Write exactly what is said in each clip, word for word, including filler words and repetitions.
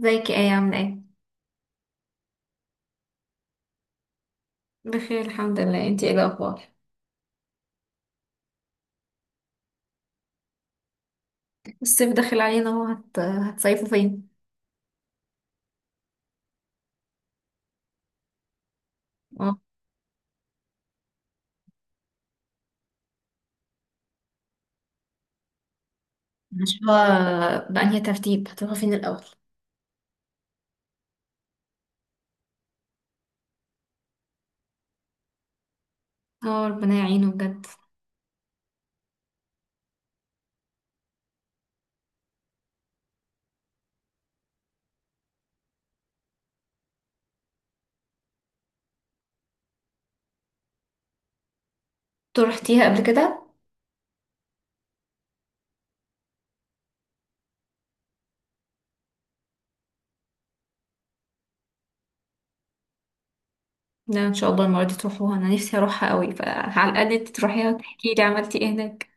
ازيك يا ايه، عاملة ايه؟ بخير الحمد لله. انتي ايه الأخبار؟ الصيف داخل علينا اهو، هت... هتصيفوا فين؟ اه. مش هو. بأنهي ترتيب هتروحوا فين الأول؟ اه، ربنا يعينه بجد. انتوا رحتيها قبل كده؟ لا، ان شاء الله المرة دي تروحوها، انا نفسي اروحها قوي، فعلى الأقل انتي تروحيها وتحكي لي عملتي ايه هناك.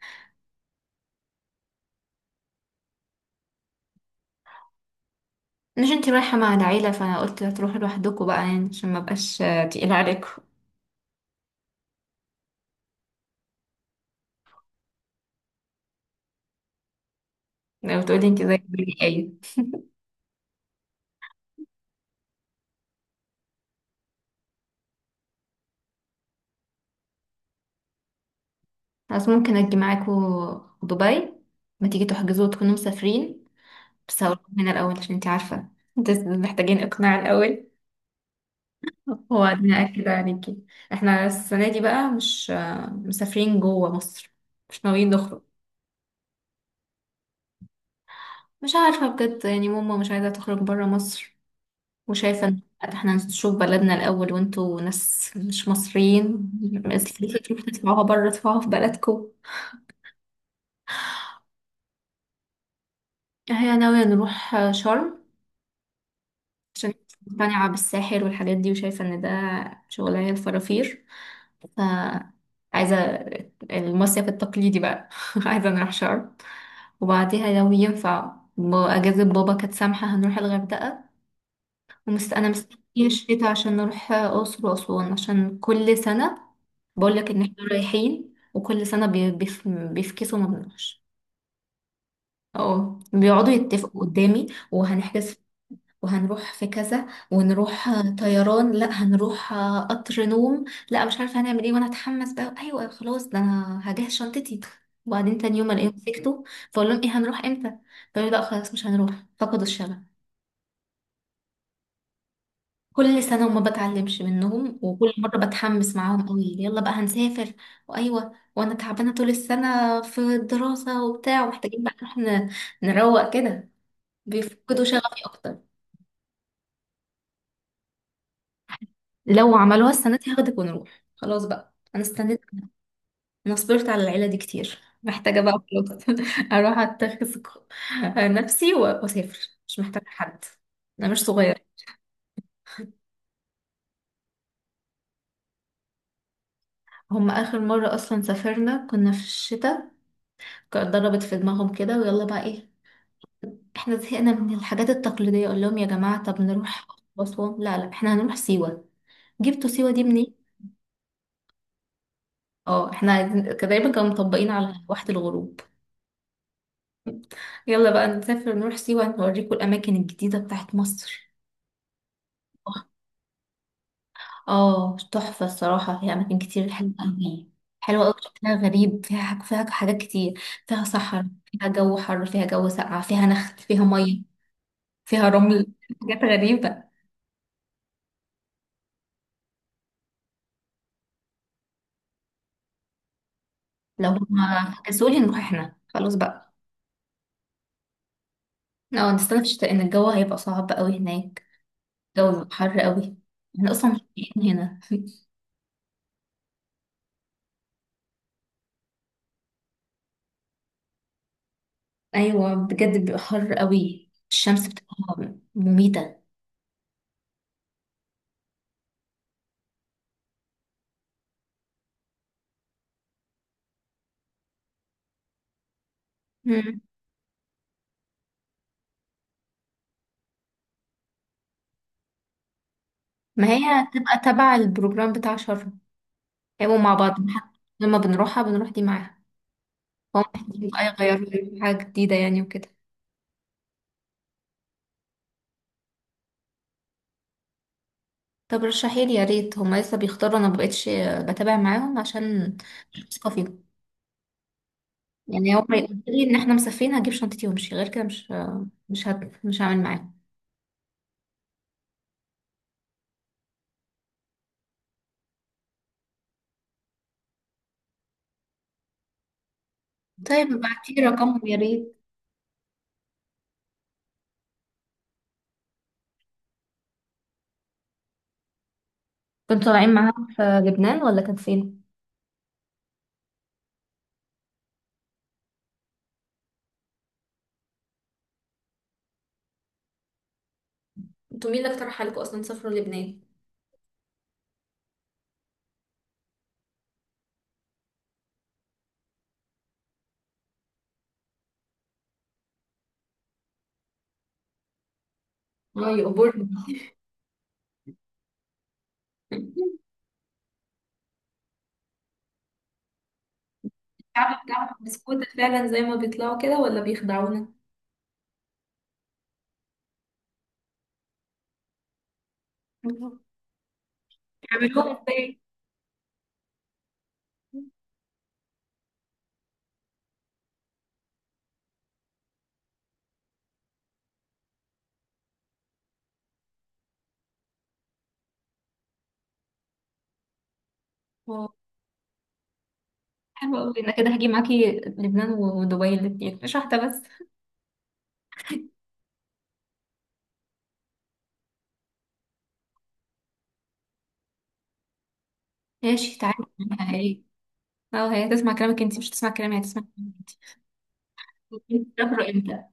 مش انتي رايحة مع العيلة، فانا قلت هتروحوا لوحدكم بقى يعني عشان ما بقاش تقيل عليكم. لو تقولي انتي زي بيقولي ايه. بس ممكن اجي معاكوا دبي؟ ما تيجي تحجزوا وتكونوا مسافرين. بس هقول من الأول عشان انتي عارفة، انت محتاجين إقناع الأول، وبعدين أكد عليكي. احنا السنة دي بقى مش آه، مسافرين جوه مصر، مش ناويين نخرج. مش عارفة بجد، يعني ماما مش عايزة تخرج برا مصر، وشايفة ان احنا نشوف بلدنا الأول، وانتوا ناس مش مصريين بس، تروحوا تدفعوها برا، تدفعوها في بلدكم. هي ناوية نروح آه، شرم، عشان مقتنعة بالساحر والحاجات دي، وشايفة ان ده شغلانة الفرافير. ف عايزة المصيف التقليدي بقى. عايزة نروح شرم، وبعديها لو ينفع ب- أجازة بابا كانت سامحة هنروح الغردقة. ومست أنا مستنية الشتا عشان نروح أقصر وأسوان، عشان كل سنة بقولك إن احنا رايحين، وكل سنة بي- بيف... بيفكسوا ما بنروحش. اه، بيقعدوا يتفقوا قدامي، وهنحجز، وهنروح في كذا، ونروح آه، طيران، لا هنروح آه، قطر نوم، لا مش عارفه هنعمل ايه، وانا اتحمس بقى، ايوه خلاص ده انا هجهز شنطتي، وبعدين تاني يوم الاقيهم سكتوا. فاقول لهم ايه، هنروح امتى؟ فيقولوا لا خلاص مش هنروح، فقدوا الشغف. كل سنه وما بتعلمش منهم، وكل مره بتحمس معاهم قوي، يلا بقى هنسافر، وايوه وانا تعبانه طول السنه في الدراسه وبتاع، ومحتاجين بقى نروح ن- نروق كده، بيفقدوا شغفي اكتر. لو عملوها السنة دي هاخدك ونروح خلاص بقى، انا استنيت، انا صبرت على العيلة دي كتير. محتاجة بقى خلاص. اروح اتخذ ق- نفسي و- واسافر، مش محتاجة حد، انا مش صغيرة. هم اخر مرة اصلا سافرنا كنا في الشتاء، كانت ضربت في دماغهم كده، ويلا بقى ايه، احنا زهقنا من الحاجات التقليدية، اقول لهم يا جماعة طب نروح اسوان، لا لا احنا هنروح سيوة. جبتوا سيوة دي منين؟ اه، احنا عايزين- كان دايما كانوا مطبقين على واحة الغروب. يلا بقى نسافر نروح سيوة، نوريكم الأماكن الجديدة بتاعت مصر. اه، تحفة الصراحة، هي أماكن كتير حلوة أوي. حلوة أوي، شكلها غريب، فيها حاج- فيها حاجات كتير. فيها صحراء، فيها جو حر، فيها جو ساقع، فيها نخل، فيها مية، فيها رمل، حاجات غريبة. لو هما فكسولي نروح احنا خلاص بقى. اه، نستنى في الشتاء إن الجو هيبقى صعب أوي هناك، الجو بيبقى حر أوي، احنا أصلا مش طايقين هنا. أيوة بجد بيبقى حر أوي، الشمس بتبقى مميتة. ما هي هتبقى تبع البروجرام بتاع شر، هيبقوا مع بعض، حتى لما بنروحها بنروح دي معاها. فهم محتاجين بقى يغيروا، يعملوا حاجة جديدة يعني وكده. طب رشحيلي يا ريت، هما لسه بيختاروا، انا مبقتش بتابع معاهم عشان مش واثقة فيهم، يعني هما يقولوا لي ان احنا مسافرين هجيب شنطتي وامشي، غير كده مش مش هت... مش هعمل معاهم. طيب ابعتيلي رقمهم يا ريت. كنتوا طالعين معاهم في لبنان ولا كان فين؟ انتوا مين اللي اقترح عليكم اصلا تسافروا لبنان؟ اه يا أبور. الشعب بتاعهم بسكوتة فعلا زي ما بيطلعوا كده، ولا بيخدعونا؟ بيعملوها ازاي؟ واو، حلوة قوي، انا كده هاجي معاكي لبنان ودبي الاتنين، مش واحدة بس. ماشي تعالي، عنها ايه. اه، هي هتسمع كلامك انتي، مش هتسمع كلامي، هتسمع كلامك انتي. بتسافروا امتى؟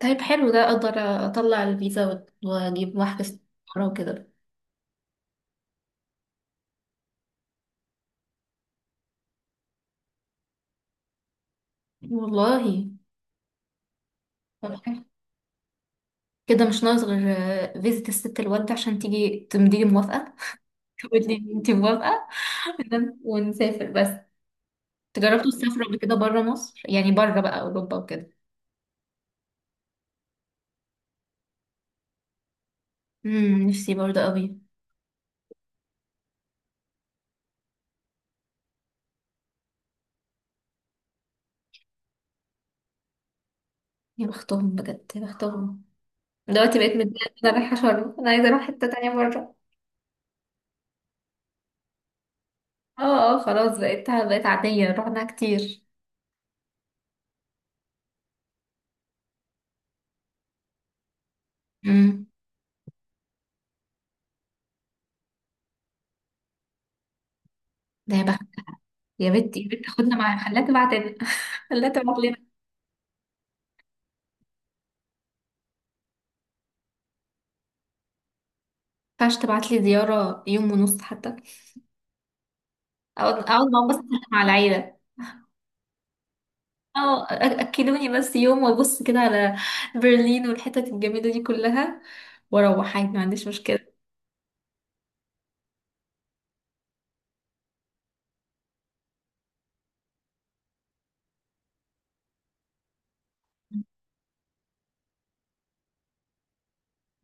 طيب حلو، ده اقدر اطلع الفيزا وأت- واجيب واحجز طيارة وكده. والله. طب حلو. كده مش ناقص غير آه، فيزة الست الوالدة عشان تيجي تمضي موافقة، تقول لي انتي موافقة، ونسافر بس. تجربتوا السفر قبل كده بره مصر، يعني بره بقى اوروبا وكده؟ امم نفسي برضه قوي. يا بختهم بجد، يا بختهم. دلوقتي بقيت متضايقه إن انا رايحه شرم، انا عايزه اروح حته تانية بره. اه اه، خلاص بقيت بقيت عاديه، رحنا كتير. امم ده يا بخت. يا بنت يا بنت، خدنا معايا، خليها تبعت لنا. خليها تبعت لنا. ما ينفعش تبعت لي زياره يوم ونص حتى؟ اقعد اقعد مع بس كده مع العيله. اه، أ- اكلوني بس يوم، وابص كده على برلين والحتت الجميله دي كلها، واروح عادي، ما عنديش مشكله.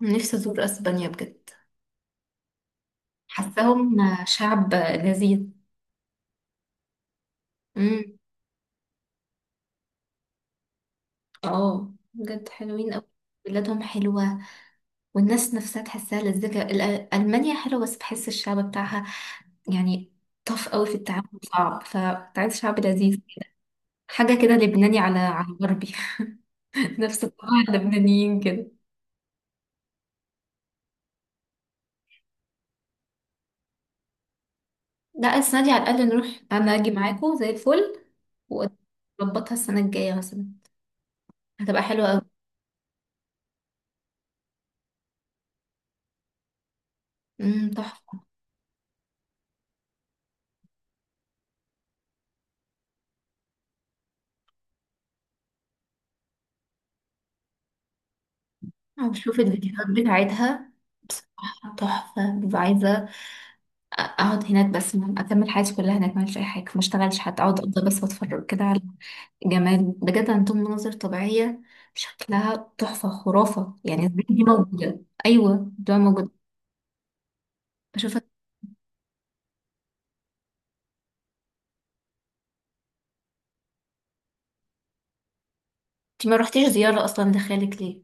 نفسي أزور أسبانيا بجد، حاساهم شعب لذيذ. امم. اه، بجد حلوين أوي، بلادهم حلوة، والناس نفسها تحسها لذيذة. الأ- ألمانيا حلوة، بس بحس الشعب بتاعها يعني طف قوي في التعامل، صعب، فكنت عايز شعب لذيذ كده، حاجة كده لبناني على على غربي. نفس الطباع اللبنانيين كده. لا، السنة دي على الأقل نروح، أنا أجي معاكم زي الفل، وأظبطها السنة الجاية مثلا، هتبقى حلوة أوي. امم تحفة. وشوف الفيديوهات بتاعتها، تحفة. ببقى عايزة أقعد هناك بس، ما- أكمل حياتي كلها هناك، ما أعملش أي حاجة، ما أشتغلش حتى، أقعد أفضل بس وأتفرج كده على جمال، بجد عندهم مناظر طبيعية شكلها تحفة، خرافة يعني، ازاي دي موجودة، أيوة دي موجودة. بشوفك. أنت ما رحتيش زيارة أصلا لخالك ليه؟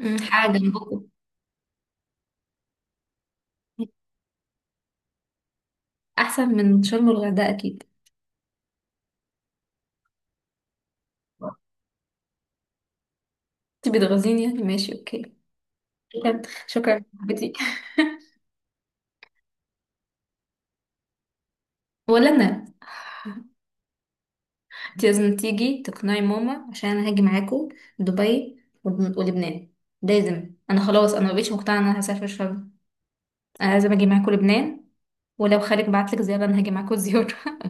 أمم، حاجة جنبكم، أحسن من شرم والغردقة أكيد. أنت بتغزيني يعني، ماشي أوكي. شكرا شكرا يا صاحبتي. ولا أنا. انت لازم تيجي تقنعي ماما عشان انا هاجي معاكم دبي ولبن- ولبنان، لازم. انا خلاص، انا مبقتش مقتنعه ان انا هسافر شرم، انا لازم اجي معاكم لبنان. ولو خالك بعتلك زياره انا هاجي معاكم. زياره.